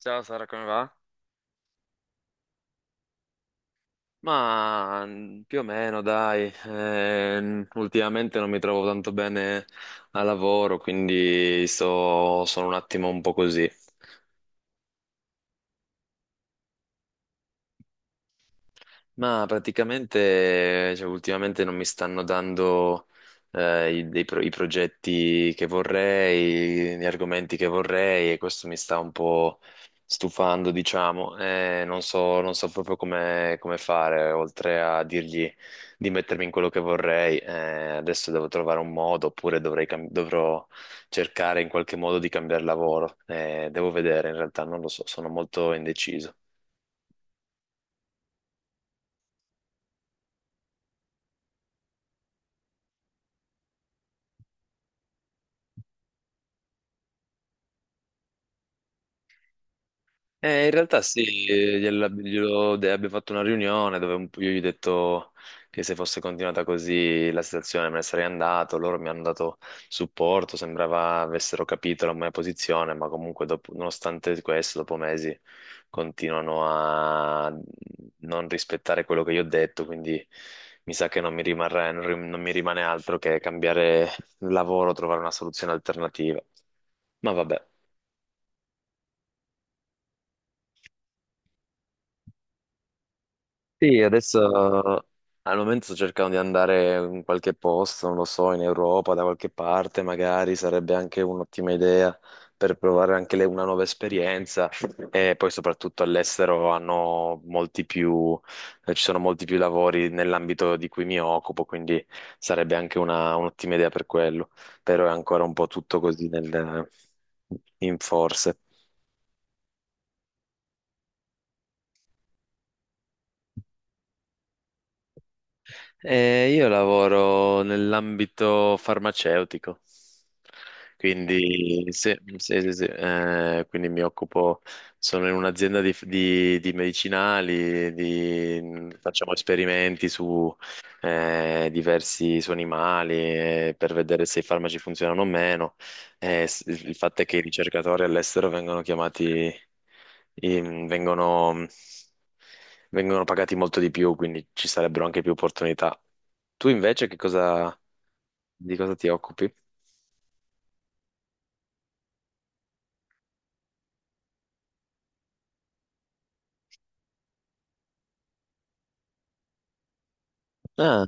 Ciao Sara, come va? Ma più o meno, dai. Ultimamente non mi trovo tanto bene al lavoro, quindi sono un attimo un po' così. Ma praticamente, cioè, ultimamente non mi stanno dando i progetti che vorrei, gli argomenti che vorrei e questo mi sta un po' stufando, diciamo. Non so, non so proprio come, come fare, oltre a dirgli di mettermi in quello che vorrei. Adesso devo trovare un modo, oppure dovrò cercare in qualche modo di cambiare lavoro. Devo vedere, in realtà non lo so, sono molto indeciso. In realtà sì, abbiamo fatto una riunione dove un po' io gli ho detto che se fosse continuata così la situazione me ne sarei andato, loro mi hanno dato supporto, sembrava avessero capito la mia posizione, ma comunque nonostante questo, dopo mesi, continuano a non rispettare quello che io ho detto, quindi mi sa che non mi rimane altro che cambiare lavoro, trovare una soluzione alternativa. Ma vabbè. Sì, adesso al momento sto cercando di andare in qualche posto, non lo so, in Europa, da qualche parte, magari sarebbe anche un'ottima idea per provare una nuova esperienza. E poi soprattutto all'estero hanno molti più, ci sono molti più lavori nell'ambito di cui mi occupo, quindi sarebbe anche un'ottima idea per quello. Però è ancora un po' tutto in forse. Io lavoro nell'ambito farmaceutico, quindi, sì, sì, sì, sì, quindi mi occupo, sono in un'azienda di medicinali, facciamo esperimenti su diversi su animali, per vedere se i farmaci funzionano o meno. Il fatto è che i ricercatori all'estero vengono chiamati, in- vengono, vengono pagati molto di più, quindi ci sarebbero anche più opportunità. Tu invece che cosa, di cosa ti occupi? Ah,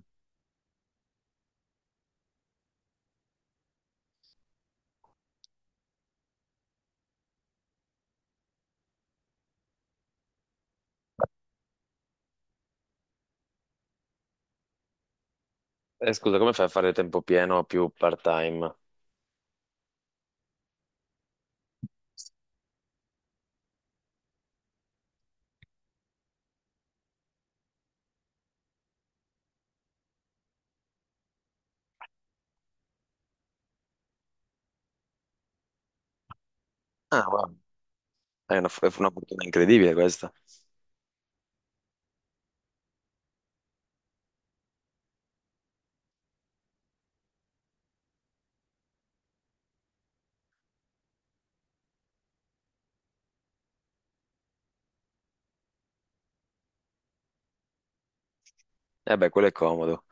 scusa, come fai a fare tempo pieno o più part-time? Ah, wow. È una fortuna incredibile questa. Eh beh, quello è comodo.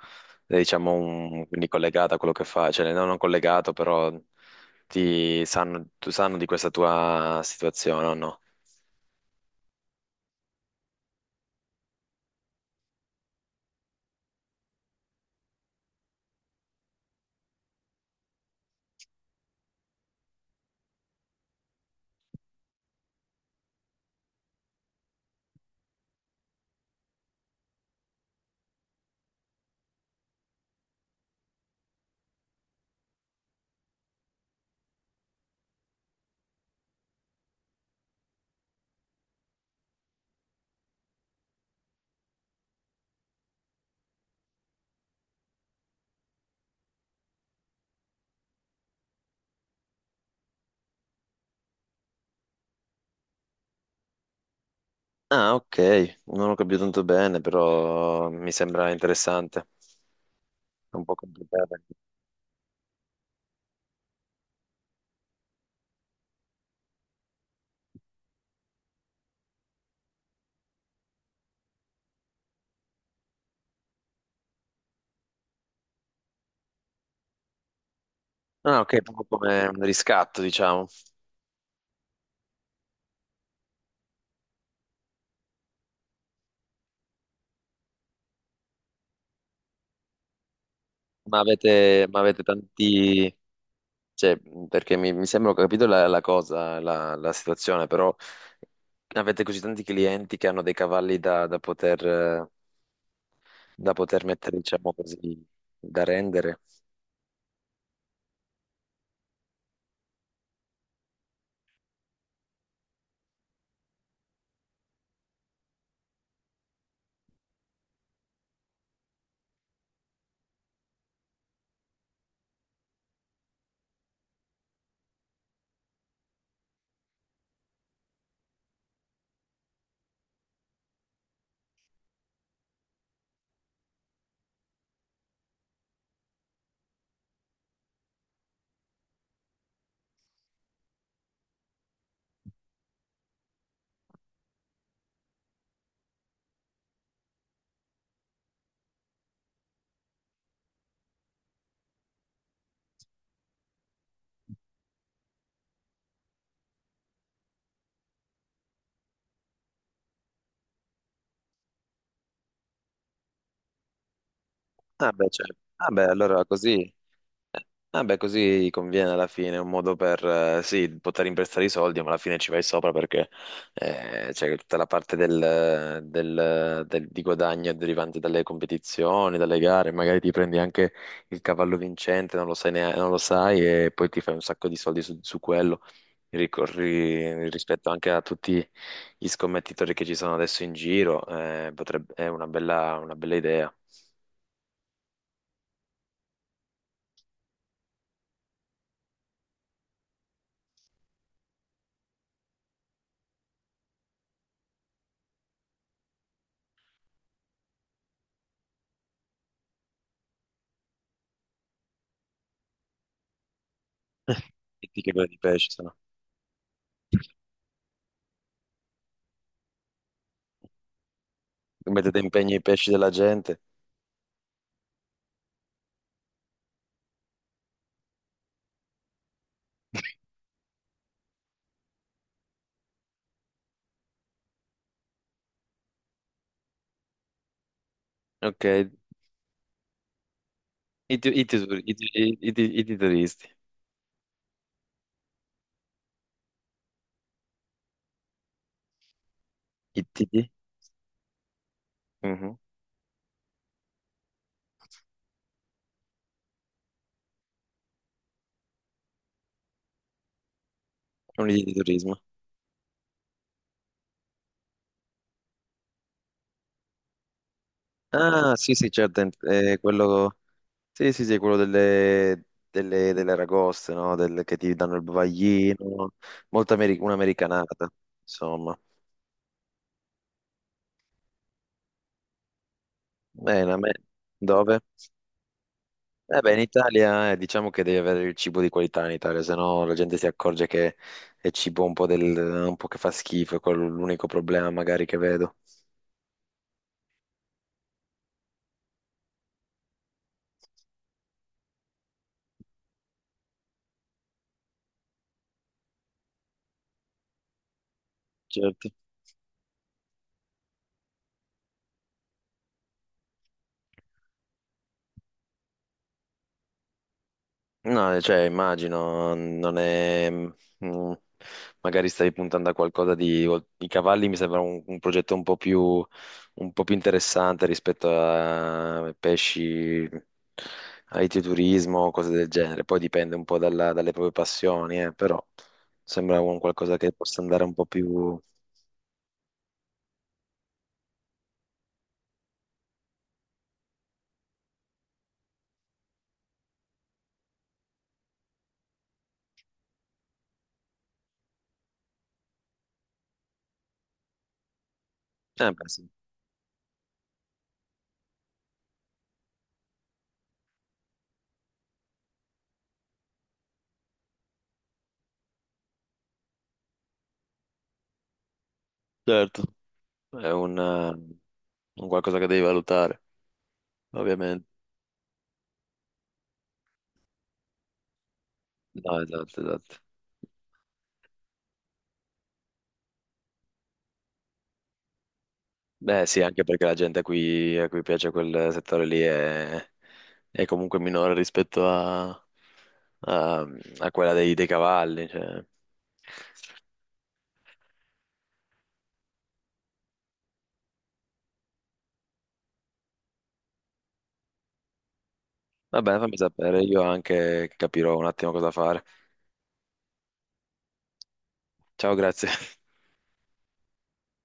È, diciamo, quindi collegata a quello che fai, cioè no, non collegato, però tu sanno di questa tua situazione o no? Ah, ok, non ho capito tanto bene, però mi sembra interessante. È un po' complicata. Ah, ok, proprio come un riscatto, diciamo. Ma avete tanti... Cioè, perché mi sembra ho capito la cosa, la situazione, però avete così tanti clienti che hanno dei cavalli da poter mettere, diciamo così, da rendere. Ah, beh, cioè, ah, beh, allora così. Vabbè, così conviene alla fine, è un modo per, sì, poter imprestare i soldi, ma alla fine ci vai sopra perché c'è tutta la parte di guadagno derivante dalle competizioni, dalle gare, magari ti prendi anche il cavallo vincente, non lo sai, non lo sai e poi ti fai un sacco di soldi su quello, ricorri rispetto anche a tutti gli scommettitori che ci sono adesso in giro, è una bella idea. E ti che di pesce, se no? Mettete in pegno i pesci della gente. Ok, i, tu- i, tutor- i, tu- i ti- i titolisti. I titi? Mhm. Non di turismo. Ah, sì, sì, certo, è quello... Sì, sì, sì, quello delle, delle, delle aragoste, no? Che ti danno il bavaglino, molto un'americanata, insomma. Bene, a me... Dove? Eh beh, in Italia, diciamo che devi avere il cibo di qualità in Italia, se no la gente si accorge che è cibo un po', del, un po' che fa schifo, è quello l'unico problema magari che vedo. Certo. No, cioè immagino, non è... mm, magari stavi puntando a qualcosa di... I cavalli mi sembra un progetto un po' più interessante rispetto a pesci, agriturismo, cose del genere. Poi dipende un po' dalle proprie passioni, però sembra un qualcosa che possa andare un po' più... beh, sì. Certo, è un qualcosa che devi valutare, ovviamente. No, esatto, esatto. Beh, sì, anche perché la gente a cui piace quel settore lì è comunque minore rispetto a- a quella dei cavalli. Cioè. Va bene, fammi sapere, io anche capirò un attimo cosa fare. Ciao, grazie.